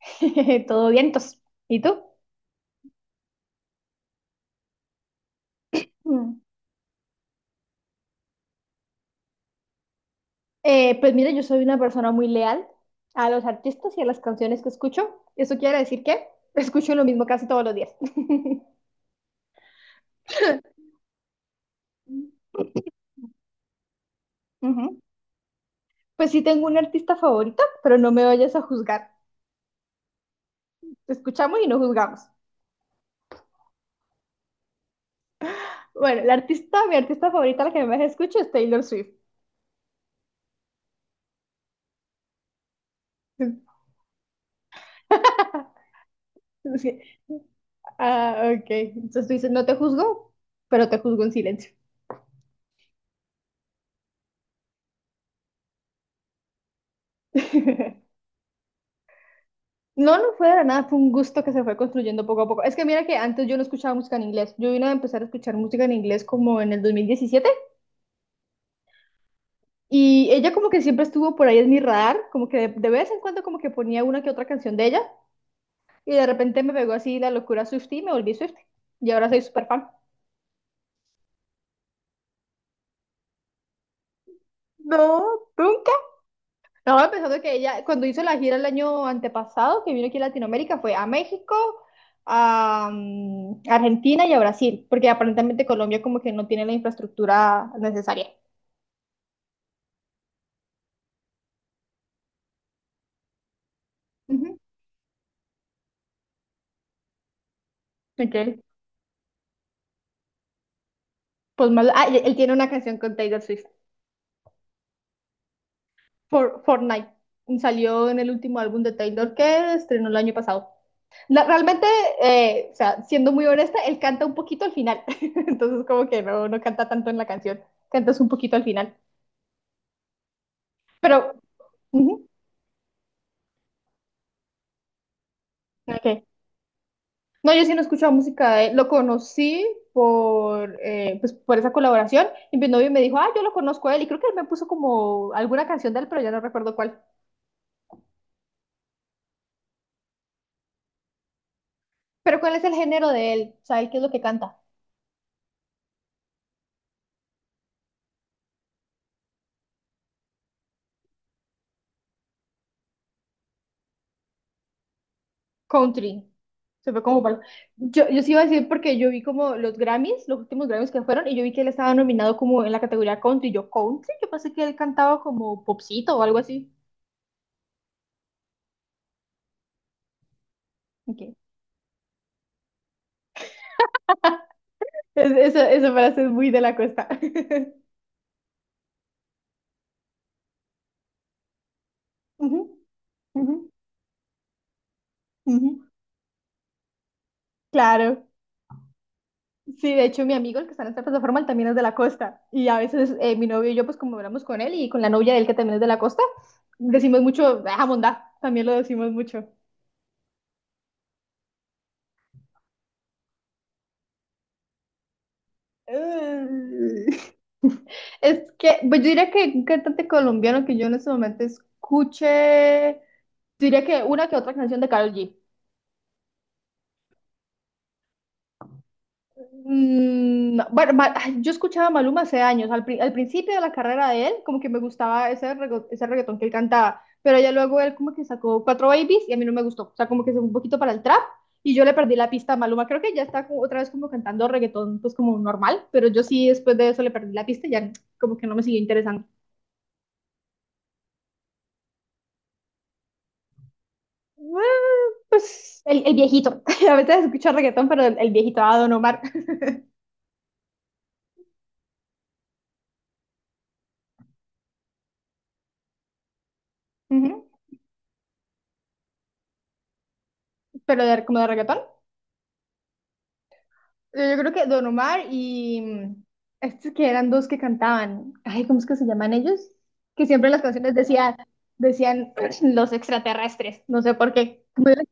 Todo vientos. ¿Y tú? Mm. Pues mira, yo soy una persona muy leal a los artistas y a las canciones que escucho. Eso quiere decir que escucho lo mismo casi todos los días. Ujú. Pues sí tengo un artista favorito, pero no me vayas a juzgar. Escuchamos y no juzgamos. Bueno, la artista, mi artista favorita, la que más escucho es Taylor Swift. Sí. Ah, ok. Entonces tú dices, no te juzgo, pero te juzgo en silencio. No, no fue de la nada, fue un gusto que se fue construyendo poco a poco. Es que mira que antes yo no escuchaba música en inglés. Yo vine a empezar a escuchar música en inglés como en el 2017, y ella como que siempre estuvo por ahí en mi radar, como que de vez en cuando como que ponía una que otra canción de ella y de repente me pegó así la locura Swiftie y me volví Swiftie. Y ahora soy súper fan. No, ¿tú? Estaba pensando que ella, cuando hizo la gira el año antepasado, que vino aquí a Latinoamérica, fue a México, a Argentina y a Brasil, porque aparentemente Colombia como que no tiene la infraestructura necesaria. Ujú. Ok. Pues, y él tiene una canción con Taylor Swift, Fortnite. Salió en el último álbum de Taylor que estrenó el año pasado. Realmente, o sea, siendo muy honesta, él canta un poquito al final. Entonces como que no, no canta tanto en la canción, cantas un poquito al final. Pero, ujú, ok. No, yo sí no escuchaba música de él. Lo conocí por esa colaboración. Y mi novio me dijo, ah, yo lo conozco a él. Y creo que él me puso como alguna canción de él, pero ya no recuerdo cuál. Pero, ¿cuál es el género de él? ¿Sabes qué es lo que canta? Country. Se fue como para. Yo sí iba a decir porque yo vi como los Grammys, los últimos Grammys que fueron, y yo vi que él estaba nominado como en la categoría country. Yo, country, yo pensé que él cantaba como popcito o algo así. Ok. Esa frase es muy de la costa. Ujú, ujú, ujú. Claro. Sí, de hecho, mi amigo, el que está en esta plataforma, él también es de la costa. Y a veces mi novio y yo, pues como hablamos con él y con la novia de él, que también es de la costa, decimos mucho, ah, mondá, también lo decimos mucho. Ay. Es que, pues yo diría que un cantante colombiano que yo en este momento escuche, yo diría que una que otra canción de Karol G. Bueno, yo escuchaba a Maluma hace años, al principio de la carrera de él, como que me gustaba ese reggaetón que él cantaba, pero ya luego él como que sacó Cuatro Babies y a mí no me gustó, o sea, como que se fue un poquito para el trap y yo le perdí la pista a Maluma, creo que ya está como otra vez como cantando reggaetón pues como normal, pero yo sí después de eso le perdí la pista y ya como que no me siguió interesando. Bueno, pues el viejito, a veces escucho reggaetón, pero el viejito, a Don Omar. Ujú. Pero como de reggaetón. Yo creo que Don Omar y estos que eran dos que cantaban. Ay, ¿cómo es que se llaman ellos? Que siempre las canciones decían, decían los extraterrestres. No sé por qué.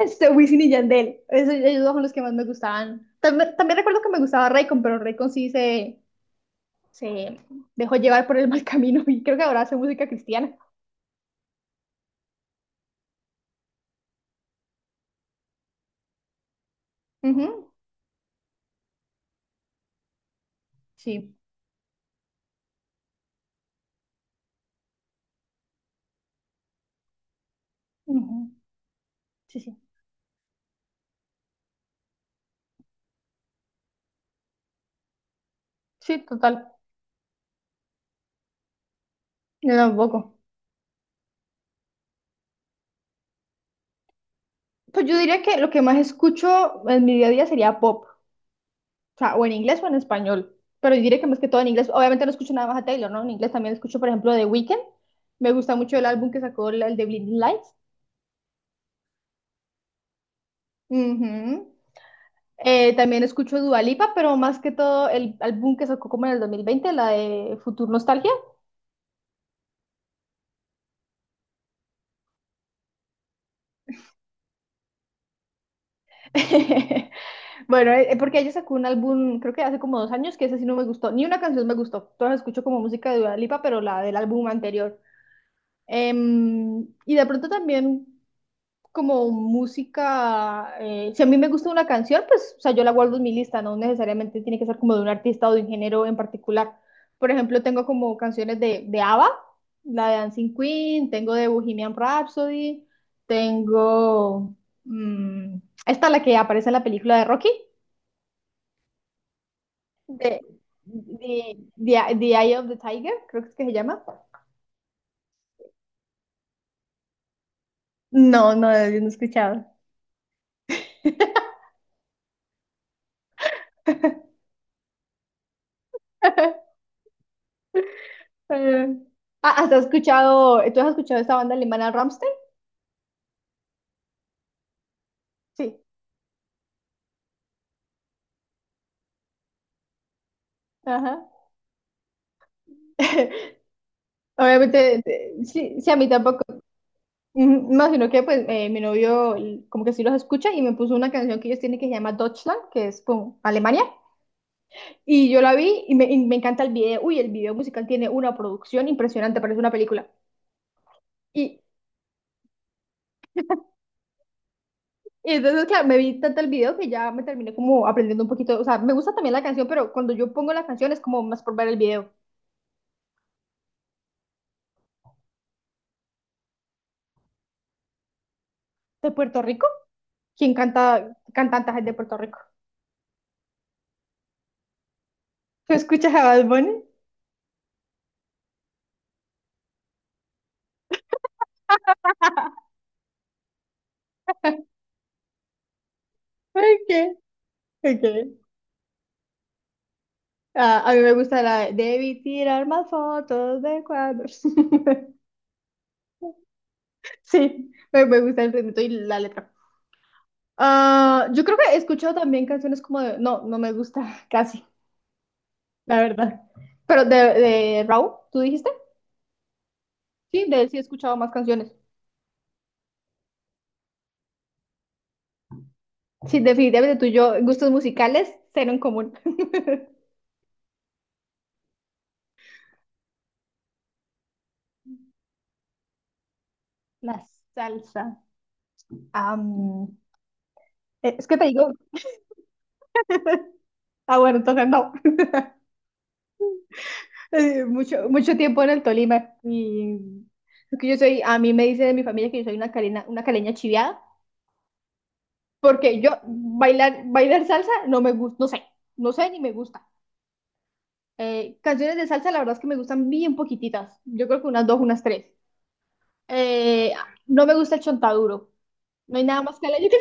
Este, Wisin y Yandel, esos ellos dos son los que más me gustaban. También, también recuerdo que me gustaba Raycon, pero Raycon sí se dejó llevar por el mal camino y creo que ahora hace música cristiana. Ujú. Sí. Ujú. Sí, sí. Sí, total. Yo tampoco. Pues yo diría que lo que más escucho en mi día a día sería pop. O sea, o en inglés o en español. Pero yo diré que más que todo en inglés. Obviamente no escucho nada más a Taylor, ¿no? En inglés también escucho, por ejemplo, The Weeknd. Me gusta mucho el álbum que sacó el de Blinding Lights. Ujú. También escucho Dua Lipa, pero más que todo el álbum que sacó como en el 2020, la de Future Nostalgia. Bueno, porque ella sacó un álbum, creo que hace como 2 años, que ese sí no me gustó. Ni una canción me gustó. Todas escucho como música de Dua Lipa, pero la del álbum anterior. Y de pronto también, como música, si a mí me gusta una canción, pues, o sea, yo la guardo en mi lista, no necesariamente tiene que ser como de un artista o de un género en particular. Por ejemplo, tengo como canciones de, ABBA, la de Dancing Queen, tengo de Bohemian Rhapsody, tengo mm, esta la que aparece en la película de Rocky, de, The Eye of the Tiger, creo que es que se llama. No, no, yo no he escuchado. Eh, ¿has escuchado, tú has escuchado esta banda alemana Rammstein? Sí. Ajá. Obviamente, sí, sí, a mí tampoco. No, sino que pues mi novio como que sí los escucha y me puso una canción que ellos tienen que se llama Deutschland, que es como Alemania. Y yo la vi y y me encanta el video. Uy, el video musical tiene una producción impresionante, parece una película. Y, y entonces, claro, me vi tanto el video que ya me terminé como aprendiendo un poquito. O sea, me gusta también la canción, pero cuando yo pongo la canción es como más por ver el video. ¿De Puerto Rico? ¿Quién canta cantantes es de Puerto Rico? ¿Tú escuchas a Bad Bunny? Ok, ok. Ah, a mí me gusta la de Debí tirar más fotos de cuadros. Sí, me gusta el ritmo y la letra. Ah, yo creo que he escuchado también canciones como de. No, no me gusta casi, la verdad. Pero de, Raúl, ¿tú dijiste? Sí, de él sí he escuchado más canciones. Sí, definitivamente tú y yo, gustos musicales, cero en común. La salsa. Am, es que te digo. Ah, bueno, entonces no. Mucho, mucho tiempo en el Tolima. Y es que yo soy, a mí me dice de mi familia que yo soy una caleña chiviada, porque yo bailar salsa no me gusta, no sé, no sé ni me gusta. Canciones de salsa, la verdad es que me gustan bien poquititas. Yo creo que unas dos, unas tres. Eh, no me gusta el chontaduro. No hay nada más caleño que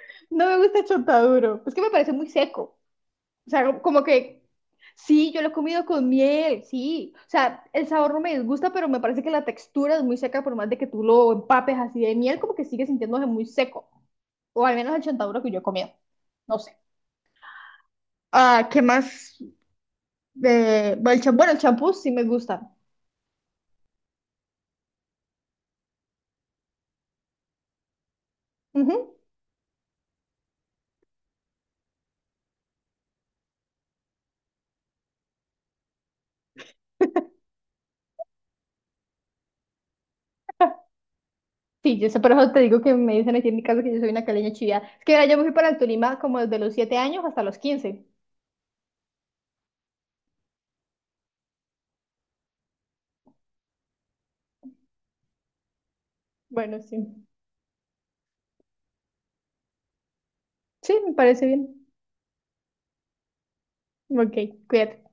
no me gusta el chontaduro. Es que me parece muy seco. O sea, como que sí, yo lo he comido con miel, sí. O sea, el sabor no me disgusta, pero me parece que la textura es muy seca, por más de que tú lo empapes así de miel, como que sigue sintiéndose muy seco. O al menos el chontaduro que yo he comido. No sé. Ah, ¿qué más? Bueno, el champú sí me gusta. Ujú. Sí, yo sé, por eso te digo que me dicen aquí en mi casa que yo soy una caleña chivia. Es que mira, yo me fui para el Tolima como desde los 7 años hasta los 15. Bueno, sí. Sí, me parece bien. Ok, cuídate.